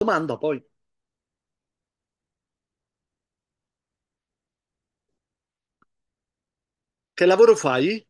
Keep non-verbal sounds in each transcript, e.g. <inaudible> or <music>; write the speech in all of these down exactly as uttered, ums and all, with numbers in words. Domanda poi, che lavoro fai?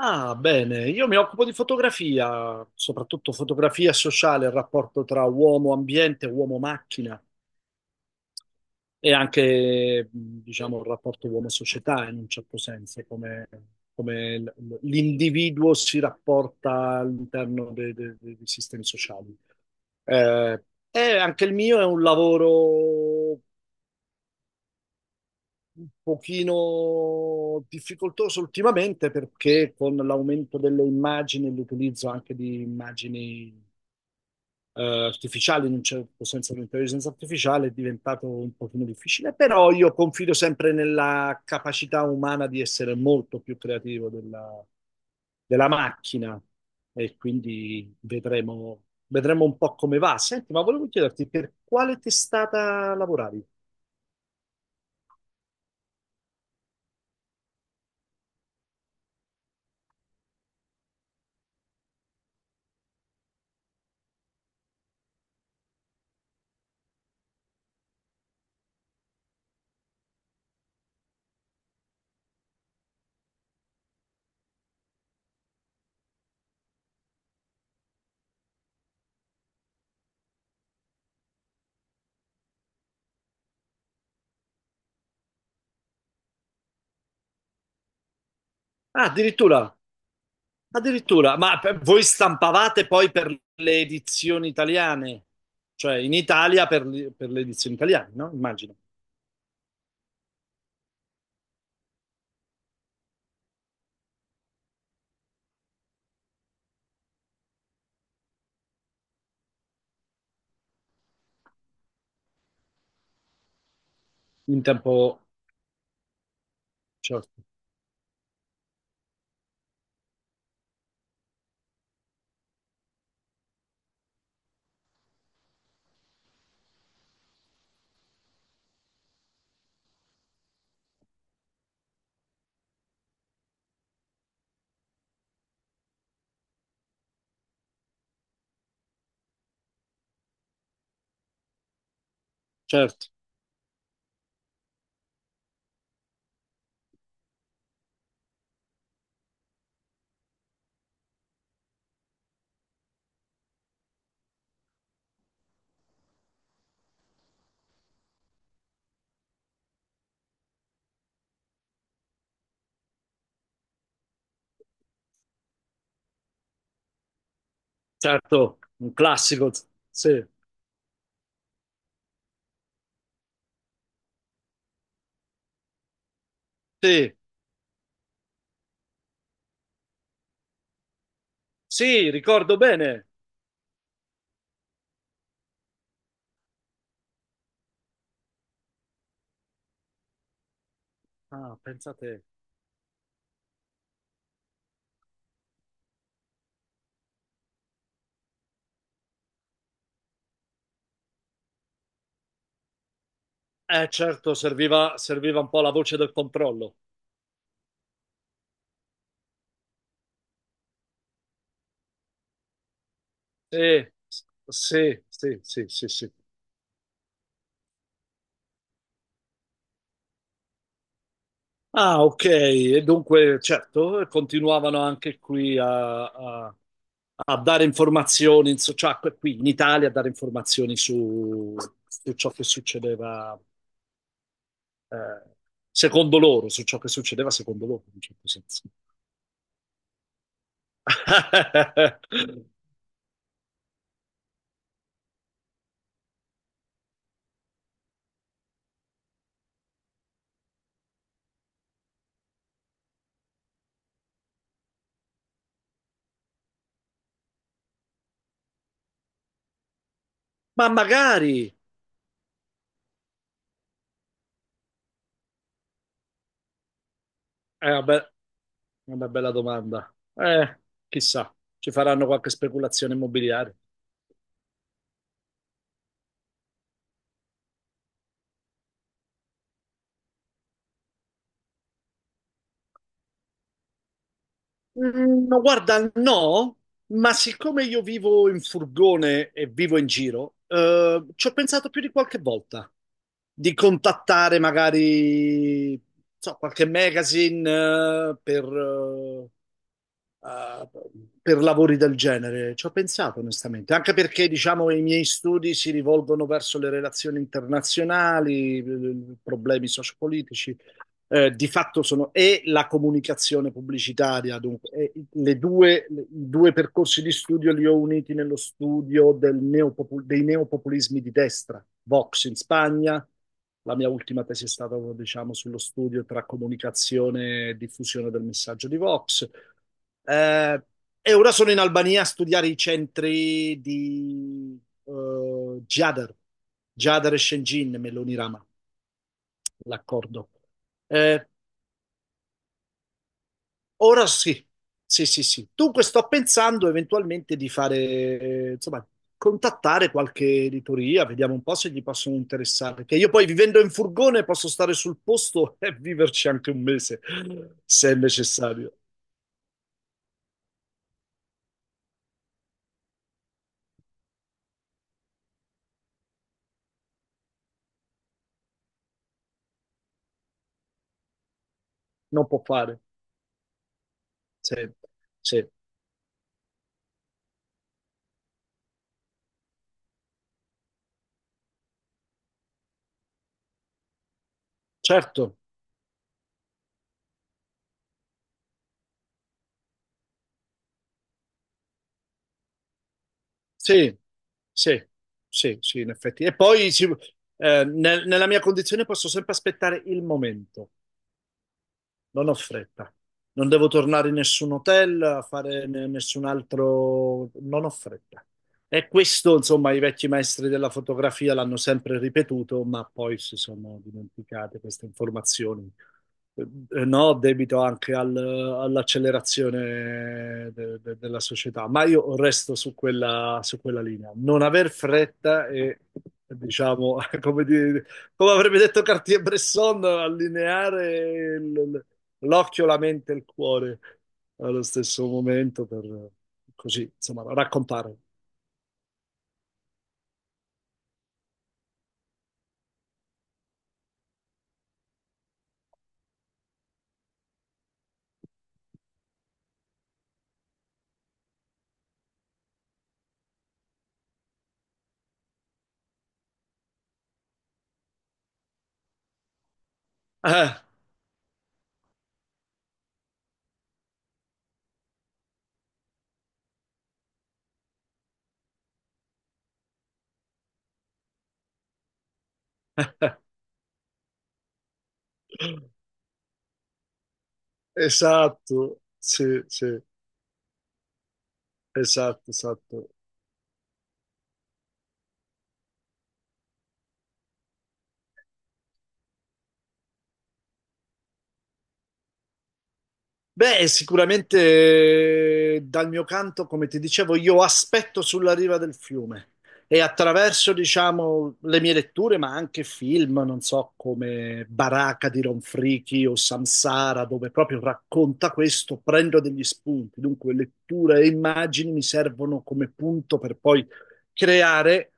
Ah, bene, io mi occupo di fotografia, soprattutto fotografia sociale, il rapporto tra uomo-ambiente, uomo-macchina e anche, mh, diciamo, il rapporto uomo-società in un certo senso, come, come l- l- l'individuo si rapporta all'interno dei, dei- dei sistemi sociali. Eh, e anche il mio è un lavoro un pochino difficoltoso ultimamente perché con l'aumento delle immagini, e l'utilizzo anche di immagini eh, artificiali, in un certo senso l'intelligenza artificiale è diventato un pochino difficile, però io confido sempre nella capacità umana di essere molto più creativo della, della macchina e quindi vedremo, vedremo un po' come va. Senti, ma volevo chiederti per quale testata lavoravi? Ah, addirittura. Addirittura, ma per- voi stampavate poi per le edizioni italiane, cioè in Italia per, le per le edizioni italiane, no? Immagino, in tempo, certo, certo, certo, un classico, sì, sì, sì, ricordo bene. Ah, pensate, eh certo, serviva, serviva un po' la voce del controllo. Sì, sì, sì, sì, sì, sì. Ah, ok, e dunque, certo, continuavano anche qui a, a- a dare informazioni, su- cioè que- qui in Italia a dare informazioni su, su ciò che succedeva eh, secondo loro, su ciò che succedeva secondo loro, in un certo senso. <laughs> Ma magari eh, vabbè, è una, be- una bella domanda. Eh, chissà, ci faranno qualche speculazione immobiliare. Mm, no, Guarda, no, ma siccome io vivo in furgone e vivo in giro, eh, ci ho pensato più di qualche volta di contattare magari, non so, qualche magazine, eh, per, eh, eh, per lavori del genere. Ci ho pensato onestamente, anche perché, diciamo, i miei studi si rivolgono verso le relazioni internazionali, eh, problemi sociopolitici eh, di fatto sono e la comunicazione pubblicitaria, dunque, le due, le- i due percorsi di studio li ho uniti nello studio del neopopu- dei neopopulismi di destra, Vox in Spagna, la mia ultima tesi è stata, diciamo, sullo studio tra comunicazione e diffusione del messaggio di Vox. Eh, e ora sono in Albania a studiare i centri di eh, Gjader, Gjader e Shenzhen, Meloni Rama, l'accordo. Eh, Ora sì, sì, sì, sì. Dunque sto pensando eventualmente di fare, eh, insomma, contattare qualche editoria, vediamo un po' se gli possono interessare, che io poi vivendo in furgone posso stare sul posto <laughs> e viverci anche un mese, se è necessario. Non può fare. Sì, sì, certo, sì, sì, sì, sì, in effetti. E poi sì, eh, nel- nella mia condizione posso sempre aspettare il momento. Non ho fretta. Non devo tornare in nessun hotel a fare ne- nessun altro, non ho fretta. E questo, insomma, i vecchi maestri della fotografia l'hanno sempre ripetuto, ma poi si sono dimenticate queste informazioni. Eh, No, debito anche al- all'accelerazione de- de- della società, ma io resto su quella, su quella linea. Non aver fretta e, diciamo, <laughs> come, dire- come avrebbe detto Cartier-Bresson, allineare il, l'occhio, la mente e il cuore allo stesso momento per così, insomma, raccontare. Ah, esatto, sì, sì, esatto, esatto. Beh, sicuramente eh, dal mio canto, come ti dicevo, io aspetto sulla riva del fiume e attraverso, diciamo, le mie letture, ma anche film, non so, come Baracca di Ronfricchi o Samsara, dove proprio racconta questo, prendo degli spunti. Dunque, lettura e immagini mi servono come punto per poi creare.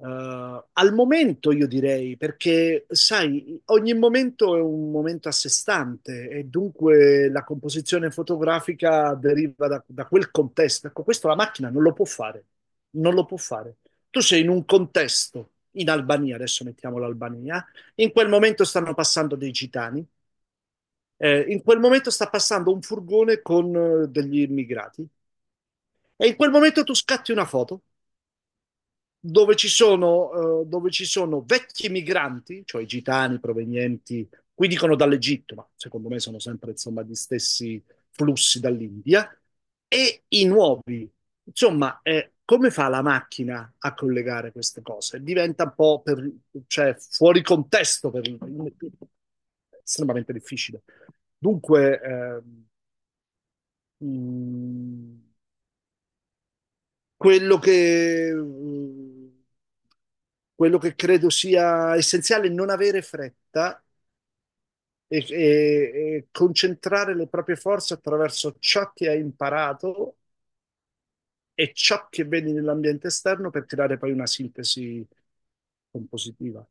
Eh, al momento io direi, perché sai, ogni momento è un momento a sé stante e dunque la composizione fotografica deriva da, da quel contesto. Ecco, questo la macchina non lo può fare, non lo può fare. Tu sei in un contesto, in Albania, adesso mettiamo l'Albania, in quel momento stanno passando dei gitani, eh, in quel momento sta passando un furgone con eh, degli immigrati e in quel momento tu scatti una foto dove ci sono, eh, dove ci sono vecchi migranti, cioè gitani provenienti, qui dicono dall'Egitto, ma secondo me sono sempre insomma gli stessi flussi dall'India, e i nuovi. Insomma, eh, come fa la macchina a collegare queste cose? Diventa un po' per, cioè, fuori contesto per estremamente difficile. Dunque, eh, mh, quello che, mh, quello che credo sia essenziale è non avere fretta e, e- e concentrare le proprie forze attraverso ciò che hai imparato e ciò che vedi nell'ambiente esterno per creare poi una sintesi compositiva.